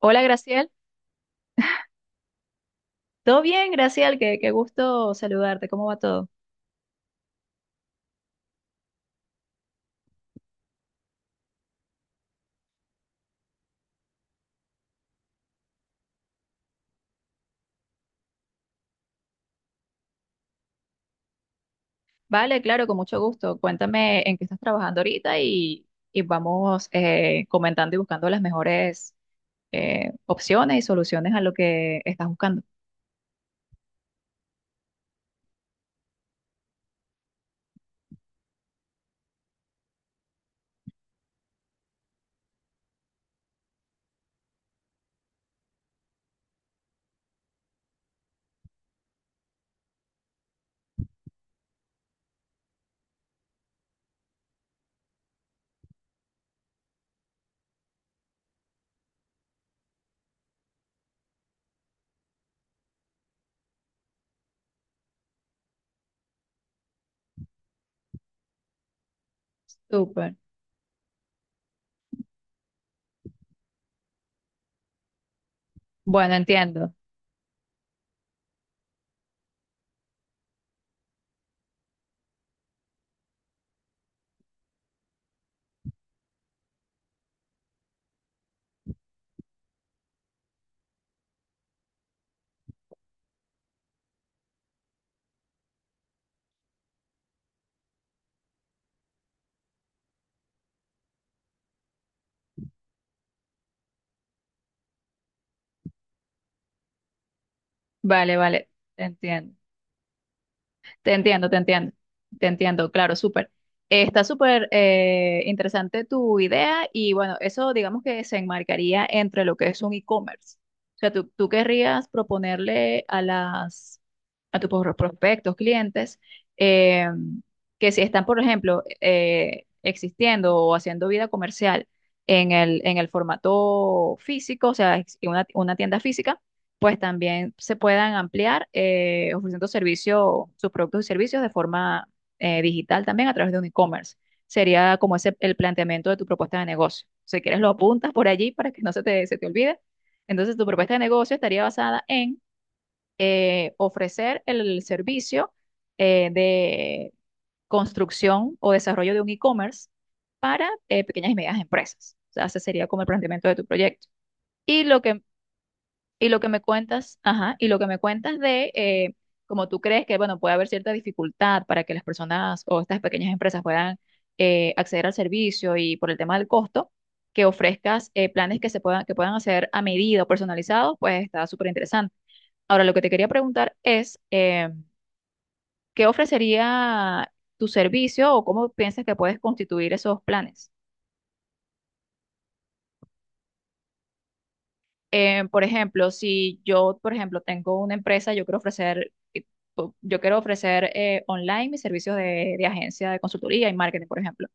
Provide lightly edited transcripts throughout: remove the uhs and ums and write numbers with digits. Hola, Graciel. ¿Todo bien, Graciel? Qué gusto saludarte. ¿Cómo va todo? Vale, claro, con mucho gusto. Cuéntame en qué estás trabajando ahorita y vamos comentando y buscando las mejores opciones y soluciones a lo que estás buscando. Súper. Bueno, entiendo. Vale, vale, entiendo. Te entiendo, te entiendo, te entiendo, claro, súper. Está súper interesante tu idea y bueno, eso digamos que se enmarcaría entre lo que es un e-commerce. O sea, tú querrías proponerle a las a tus prospectos, clientes, eh, que si están, por ejemplo, existiendo o haciendo vida comercial en en el formato físico, o sea, en una tienda física, pues también se puedan ampliar ofreciendo servicio, sus productos y servicios de forma digital también a través de un e-commerce. Sería como ese el planteamiento de tu propuesta de negocio. Si quieres, lo apuntas por allí para que no se te olvide. Entonces, tu propuesta de negocio estaría basada en ofrecer el servicio de construcción o desarrollo de un e-commerce para pequeñas y medianas empresas. O sea, ese sería como el planteamiento de tu proyecto. Y lo que, y lo que me cuentas, ajá, y lo que me cuentas de como tú crees que, bueno, puede haber cierta dificultad para que las personas o estas pequeñas empresas puedan acceder al servicio y por el tema del costo, que ofrezcas planes que se puedan, que puedan hacer a medida o personalizados, pues está súper interesante. Ahora, lo que te quería preguntar es, ¿qué ofrecería tu servicio o cómo piensas que puedes constituir esos planes? Por ejemplo, si yo, por ejemplo, tengo una empresa, yo quiero ofrecer, yo quiero ofrecer online mis servicios de agencia de consultoría y marketing, por ejemplo.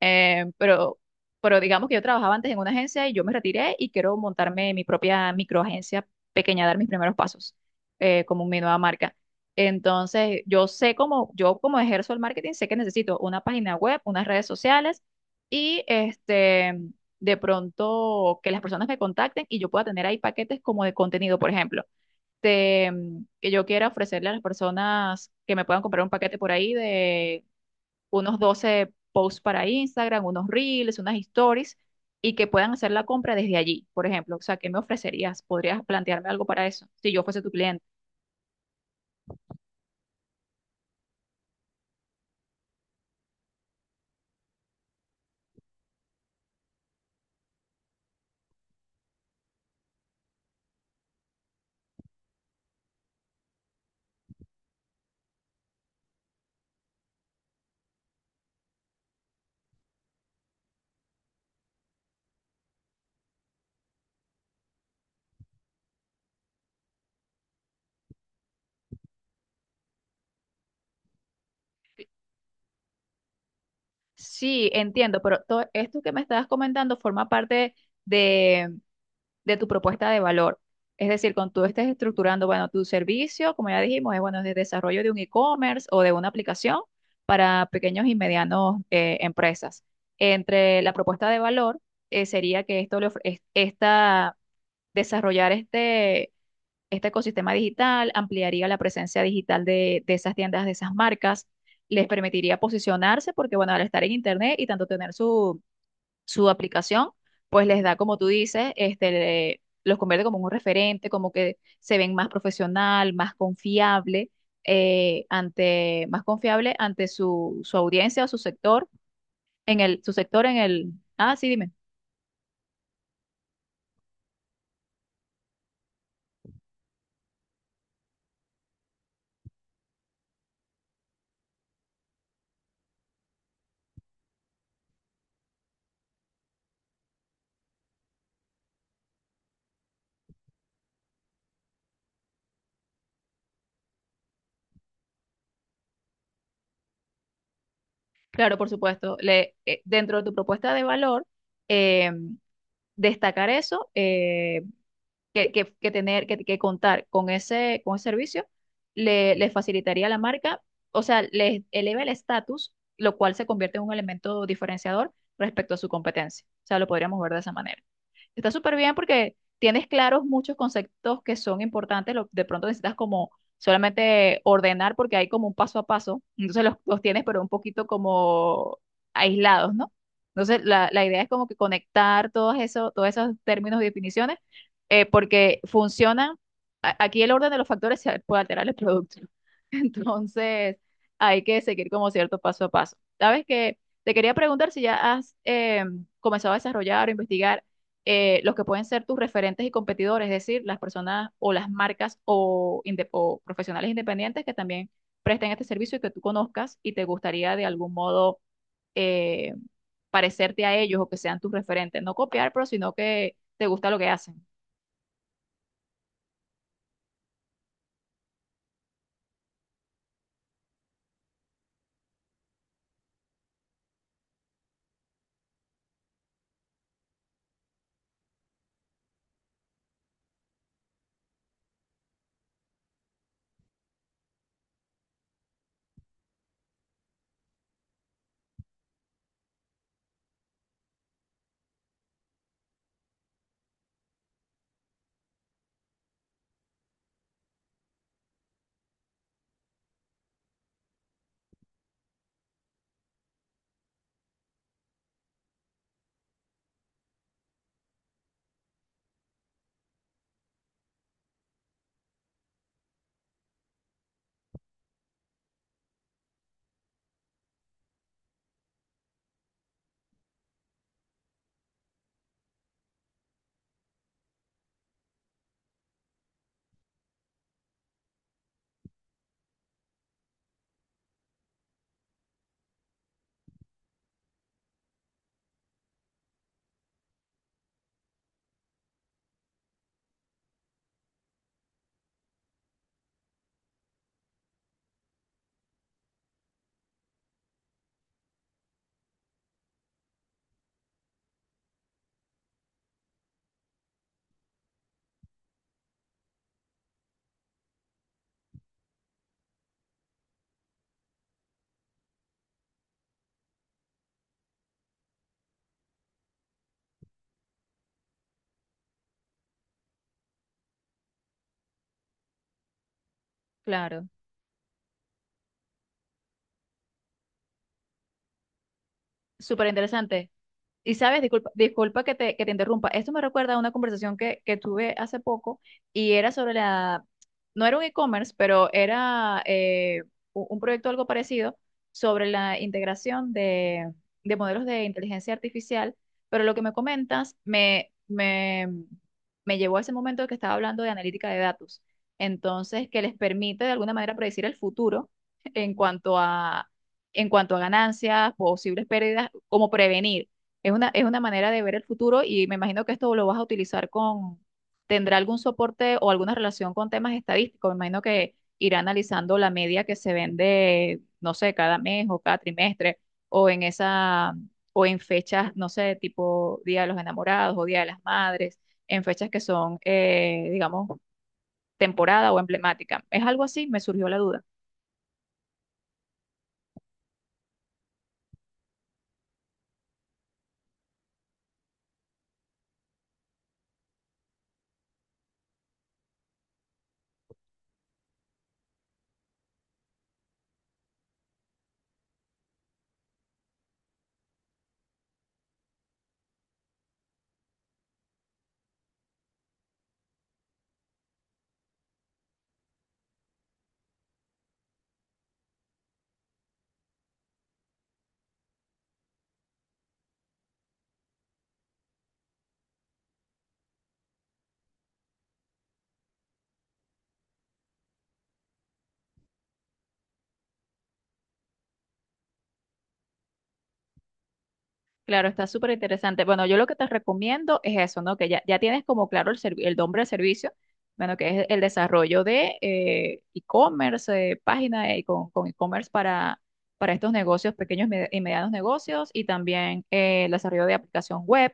Eh, pero, pero digamos que yo trabajaba antes en una agencia y yo me retiré y quiero montarme mi propia microagencia pequeña, dar mis primeros pasos como mi nueva marca. Entonces, yo sé cómo, yo como ejerzo el marketing, sé que necesito una página web, unas redes sociales y de pronto que las personas me contacten y yo pueda tener ahí paquetes como de contenido, por ejemplo. Que yo quiera ofrecerle a las personas que me puedan comprar un paquete por ahí de unos 12 posts para Instagram, unos reels, unas stories, y que puedan hacer la compra desde allí, por ejemplo. O sea, ¿qué me ofrecerías? ¿Podrías plantearme algo para eso si yo fuese tu cliente? Sí, entiendo, pero todo esto que me estabas comentando forma parte de, de tu propuesta de valor. Es decir, cuando tú estés estructurando, bueno, tu servicio, como ya dijimos, es bueno, de desarrollo de un e-commerce o de una aplicación para pequeños y medianos empresas. Entre la propuesta de valor sería que esto esta desarrollar este ecosistema digital, ampliaría la presencia digital de esas tiendas, de esas marcas, les permitiría posicionarse porque, bueno, al estar en Internet y tanto tener su aplicación, pues les da, como tú dices, este, los convierte como un referente, como que se ven más profesional, más confiable, más confiable ante su audiencia o su sector, en su sector en el... Ah, sí, dime. Claro, por supuesto. Le, dentro de tu propuesta de valor, eh, destacar eso, que tener, que contar con con ese servicio, le, les facilitaría a la marca, o sea, les eleva el estatus, lo cual se convierte en un elemento diferenciador respecto a su competencia. O sea, lo podríamos ver de esa manera. Está súper bien porque tienes claros muchos conceptos que son importantes. De pronto necesitas como solamente ordenar porque hay como un paso a paso. Entonces los tienes pero un poquito como aislados, ¿no? Entonces la idea es como que conectar todos esos términos y definiciones porque funcionan. Aquí el orden de los factores se puede alterar el producto. Entonces hay que seguir como cierto paso a paso. ¿Sabes que te quería preguntar si ya has... comenzado a desarrollar o investigar los que pueden ser tus referentes y competidores, es decir, las personas o las marcas o profesionales independientes que también presten este servicio y que tú conozcas y te gustaría de algún modo eh, parecerte a ellos o que sean tus referentes. No copiar, pero sino que te gusta lo que hacen. Claro. Súper interesante. Y sabes, disculpa, disculpa que que te interrumpa. Esto me recuerda a una conversación que tuve hace poco y era sobre la, no era un e-commerce, pero era un proyecto algo parecido sobre la integración de modelos de inteligencia artificial. Pero lo que me comentas me llevó a ese momento que estaba hablando de analítica de datos. Entonces, que les permite de alguna manera predecir el futuro en cuanto a, en cuanto a ganancias, posibles pérdidas, como prevenir. Es una manera de ver el futuro y me imagino que esto lo vas a utilizar con, tendrá algún soporte o alguna relación con temas estadísticos. Me imagino que irá analizando la media que se vende, no sé, cada mes o cada trimestre o en esa, o en fechas, no sé, tipo Día de los Enamorados o Día de las Madres, en fechas que son, digamos, temporada o emblemática. ¿Es algo así? Me surgió la duda. Claro, está súper interesante. Bueno, yo lo que te recomiendo es eso, ¿no? Que ya, ya tienes como claro el, el nombre del servicio, bueno, que es el desarrollo de e-commerce, página con e-commerce para estos negocios, pequeños y y medianos negocios, y también el desarrollo de aplicación web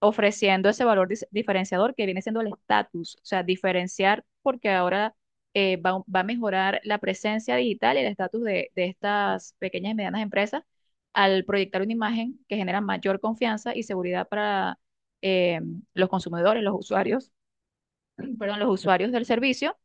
ofreciendo ese valor diferenciador que viene siendo el estatus, o sea, diferenciar porque ahora va a mejorar la presencia digital y el estatus de estas pequeñas y medianas empresas al proyectar una imagen que genera mayor confianza y seguridad para eh, los consumidores, los usuarios, perdón, los usuarios del servicio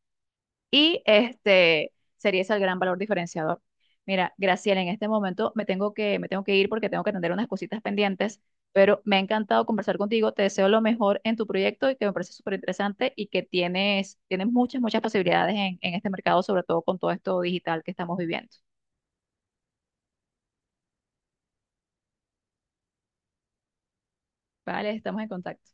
y este sería ese el gran valor diferenciador. Mira, Graciela, en este momento me tengo que ir porque tengo que atender unas cositas pendientes, pero me ha encantado conversar contigo. Te deseo lo mejor en tu proyecto y que me parece súper interesante y que tienes, tienes muchas, muchas posibilidades en este mercado, sobre todo con todo esto digital que estamos viviendo. Vale, estamos en contacto.